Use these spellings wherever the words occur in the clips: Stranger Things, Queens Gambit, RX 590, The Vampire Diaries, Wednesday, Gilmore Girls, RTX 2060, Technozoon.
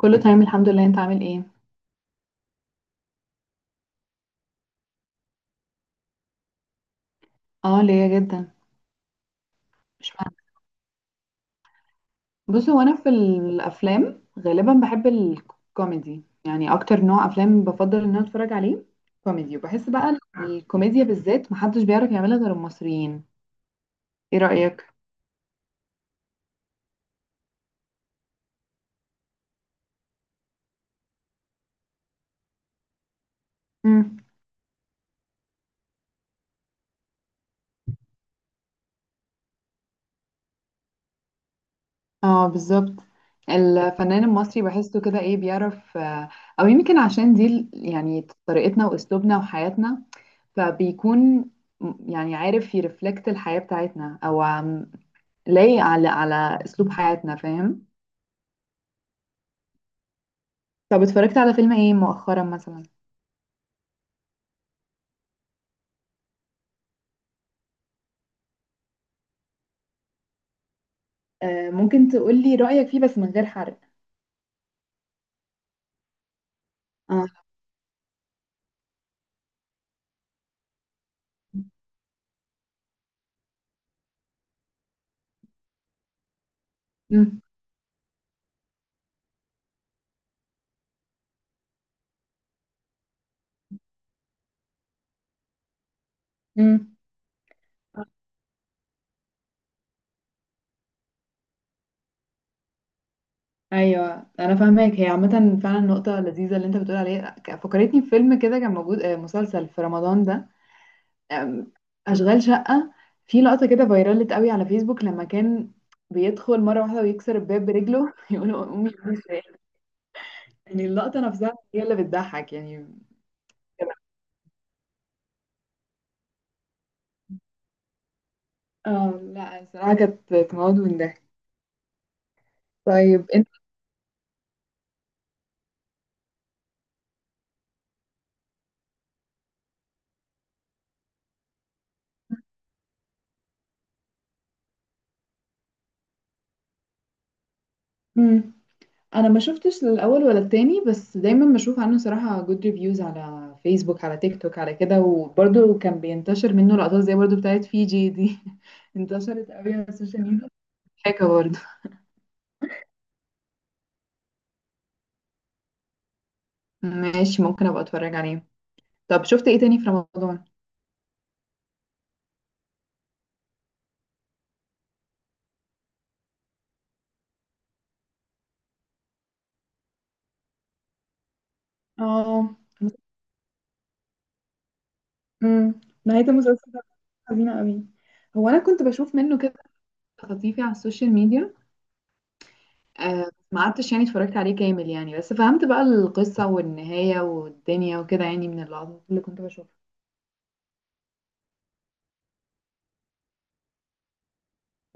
كله تمام، الحمد لله. انت عامل ايه؟ اه، ليا جدا. مش فاهمه. بص، هو انا في الافلام غالبا بحب الكوميدي، يعني اكتر نوع افلام بفضل ان انا اتفرج عليه كوميدي. وبحس بقى الكوميديا بالذات محدش بيعرف يعملها غير المصريين. ايه رأيك؟ امم اه، بالظبط. الفنان المصري بحسه كده، ايه، بيعرف. او يمكن عشان دي يعني طريقتنا واسلوبنا وحياتنا، فبيكون، يعني عارف يرفلكت الحياة بتاعتنا، او لايق على اسلوب حياتنا، فاهم؟ طب، اتفرجت على فيلم ايه مؤخرا مثلا؟ آه، ممكن تقولي رأيك فيه بس من غير حرق. اه. امم امم. ايوه، انا فاهماك. هي عامه فعلا نقطه لذيذه اللي انت بتقول عليها، فكرتني بفيلم كده كان موجود، مسلسل في رمضان ده، آم، اشغال شقه. في لقطه كده فايرالت قوي على فيسبوك لما كان بيدخل مره واحده ويكسر الباب برجله يقولوا امي امي شايلة. يعني اللقطه نفسها هي اللي بتضحك يعني. اه، لا، الصراحة كانت تموت من ده. طيب انت. مم. انا ما شفتش الاول ولا التاني، بس دايما بشوف عنه صراحة جود ريفيوز على فيسبوك، على تيك توك، على كده، وبرده كان بينتشر منه لقطات زي برضو بتاعت فيجي دي. انتشرت قوي على السوشيال ميديا. حاجة برضو. ماشي، ممكن ابقى اتفرج عليه. طب، شفت ايه تاني في رمضان؟ اه. مم. نهاية المسلسل ده حزينة قوي. هو انا كنت بشوف منه كده خطيفي على السوشيال ميديا. آه، ما قعدتش يعني اتفرجت عليه كامل يعني، بس فهمت بقى القصة والنهاية والدنيا وكده يعني، من اللقطات اللي كنت بشوفها.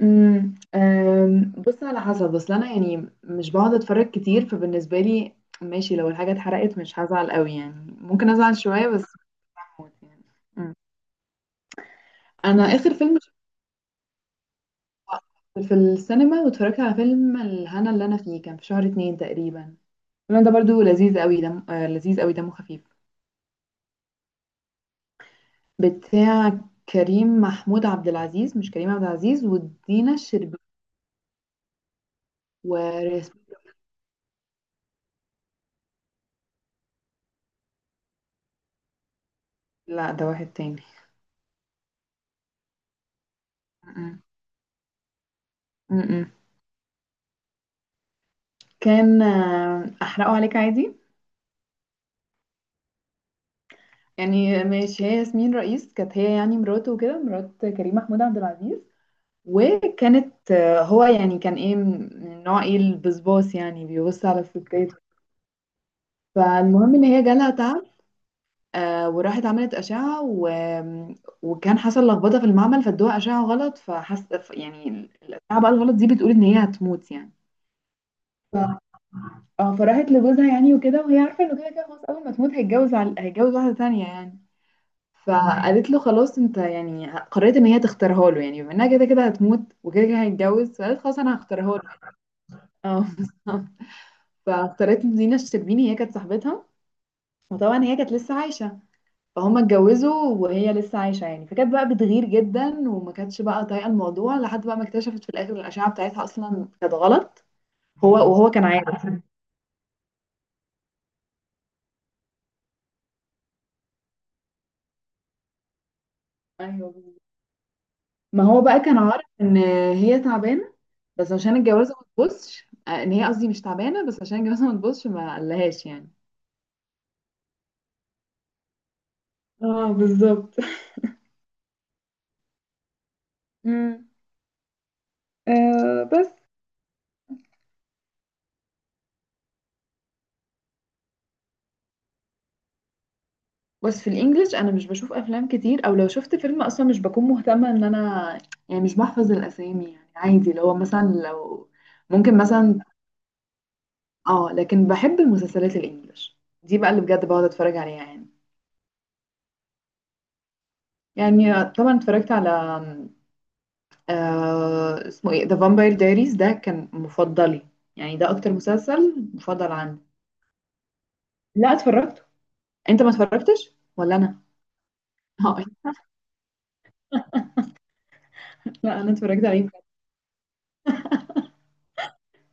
آم، بص، على حسب، اصل انا يعني مش بقعد اتفرج كتير، فبالنسبة لي، ماشي، لو الحاجة اتحرقت مش هزعل قوي يعني، ممكن ازعل شوية بس. هموت يعني. مم. انا اخر فيلم شفته في السينما واتفرجت على فيلم الهنا، اللي انا فيه، كان في شهر 2 تقريبا. الفيلم ده برضو لذيذ قوي، دمه خفيف. بتاع كريم محمود عبد العزيز، مش كريم عبد العزيز، ودينا الشربيني ورسم. لا، ده واحد تاني. م-م. م-م. كان، احرقه عليك عادي يعني. ماشي، هي ياسمين رئيس كانت هي يعني مراته وكده، مرات كريم محمود عبد العزيز. وكانت، هو يعني كان ايه، من نوع ايه البسباس، يعني بيبص على الستات. فالمهم ان هي جالها تعب. وراحت عملت أشعة، و... وكان حصل لخبطة في المعمل فادوها أشعة غلط، فحس يعني الأشعة بقى الغلط دي بتقول إن هي هتموت يعني. ف... اه فراحت لجوزها يعني وكده، وهي عارفة إنه كده كده خلاص، أول ما تموت هيتجوز واحدة تانية يعني. فقالت له خلاص، انت يعني قررت ان هي تختارها له يعني، بما انها كده كده هتموت وكده كده هيتجوز، فقالت خلاص انا هختارها له. اه بالظبط. فاختارت دينا الشربيني، هي كانت صاحبتها، وطبعا هي كانت لسه عايشة، فهم اتجوزوا وهي لسه عايشة يعني، فكانت بقى بتغير جدا وما كانتش بقى طايقة الموضوع، لحد بقى ما اكتشفت في الآخر الأشعة بتاعتها أصلا كانت غلط. هو كان عارف. ايوه، ما هو بقى كان عارف ان هي تعبانة، بس عشان الجوازة ما تبصش ان هي، قصدي مش تعبانة، بس عشان الجوازة ما تبصش ما قالهاش يعني. اه، بالظبط. امم. آه، بس. بس في الانجليش انا مش بشوف افلام كتير، او لو شفت فيلم اصلا مش بكون مهتمه ان انا يعني مش بحفظ الاسامي يعني، عادي لو مثلا، لو ممكن مثلا. اه، لكن بحب المسلسلات الانجليش، دي بقى اللي بجد بقعد اتفرج عليها يعني. يعني طبعا اتفرجت على، آه اسمه ايه، ذا فامباير دايريز، ده كان مفضلي، يعني ده اكتر مسلسل مفضل عندي. لا، اتفرجته. انت ما اتفرجتش ولا انا؟ اه. لا، انا اتفرجت عليه بجد.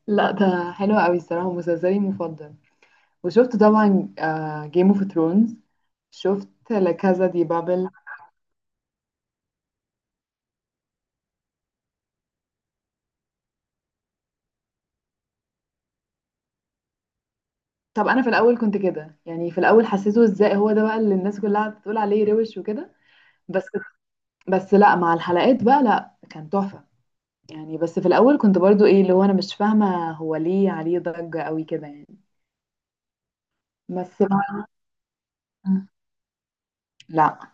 لا، ده حلو قوي الصراحه، مسلسلي مفضل. وشفت طبعا جيم اوف ثرونز. شفت لا كازا دي بابل. طب انا في الاول كنت كده يعني، في الاول حسيته ازاي، هو ده بقى اللي الناس كلها بتقول عليه روش وكده؟ بس. بس لا، مع الحلقات بقى لا كان تحفة يعني. بس في الاول كنت برضو ايه اللي هو، انا مش فاهمة هو ليه عليه ضجة قوي كده يعني. بس لا.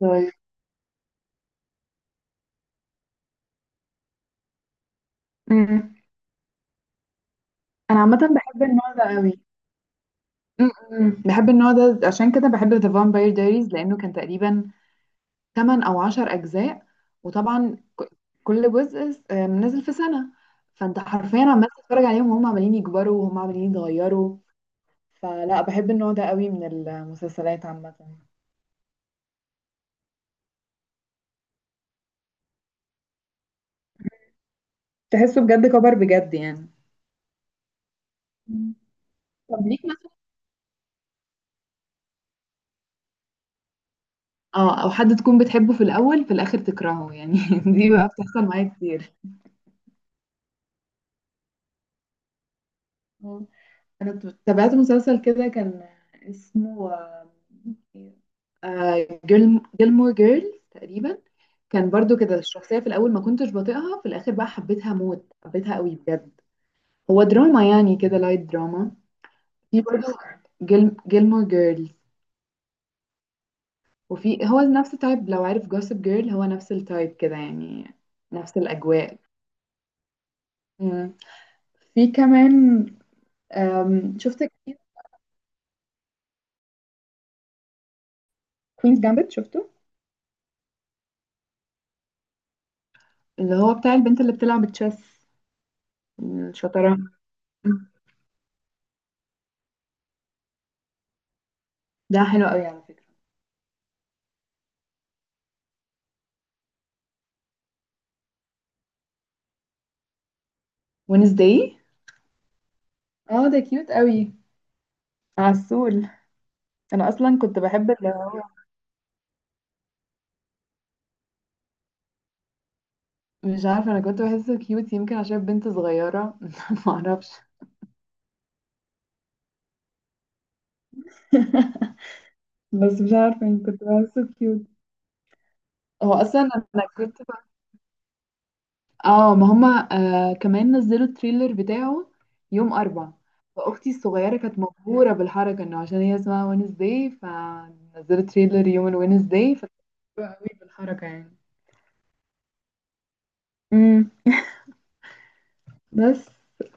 طيب. أمم. انا عامة بحب النوع ده قوي. أمم. بحب النوع ده، عشان كده بحب The Vampire Diaries، لانه كان تقريبا 8 أو 10 أجزاء. وطبعا كل جزء نازل في سنة، فأنت حرفيا عمال تتفرج عليهم وهم عمالين يكبروا وهم عمالين يتغيروا. فلا بحب النوع ده قوي من المسلسلات عامة. تحسه بجد كبر بجد يعني. مم. طب ليك مثلا. اه، او حد تكون بتحبه في الاول في الاخر تكرهه يعني دي بقى بتحصل معايا كتير. انا تابعت مسلسل كده كان اسمه جيلمور جيرلز تقريبا، كان برضو كده الشخصية في الأول ما كنتش بطيئها، في الآخر بقى حبيتها موت، حبيتها قوي بجد. هو دراما يعني كده، لايت دراما. في برضو جيلمور جيرلز، وفي هو نفس التايب لو عارف جوسب جيرل، هو نفس التايب كده يعني، نفس الأجواء. مم. في كمان، شفت كوينز جامبت، شفته؟ اللي هو بتاع البنت اللي بتلعب تشيس، شطرنج. ده حلو قوي على فكرة. ونسداي. اه، ده كيوت قوي، عسول. انا اصلا كنت بحب اللي هو مش عارفة، انا كنت بحسه كيوت يمكن عشان بنت صغيرة معرفش. بس مش عارفة يعني، كنت بحسه كيوت. هو اصلا انا كنت اه، ما هما آه كمان نزلوا التريلر بتاعه يوم اربع. فاختي الصغيرة كانت مبهورة بالحركة انه عشان هي اسمها وينزداي، فنزلوا تريلر يوم الوينزداي، فكانت مبهورة قوي بالحركة يعني. بس،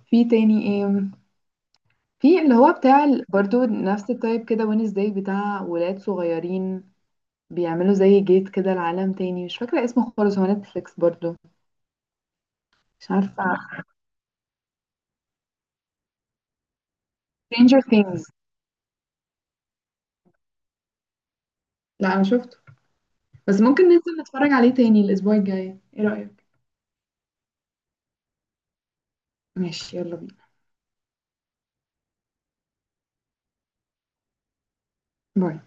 في تاني ايه؟ في اللي هو بتاع برضو نفس التايب كده وينز داي، بتاع ولاد صغيرين بيعملوا زي جيت كده لعالم تاني، مش فاكرة اسمه خالص، هو نتفليكس برضو. مش عارفة. Stranger Things. لا، انا شفته، بس ممكن ننزل نتفرج عليه تاني الاسبوع الجاي، ايه رأيك؟ ماشي، يلا بينا. باي.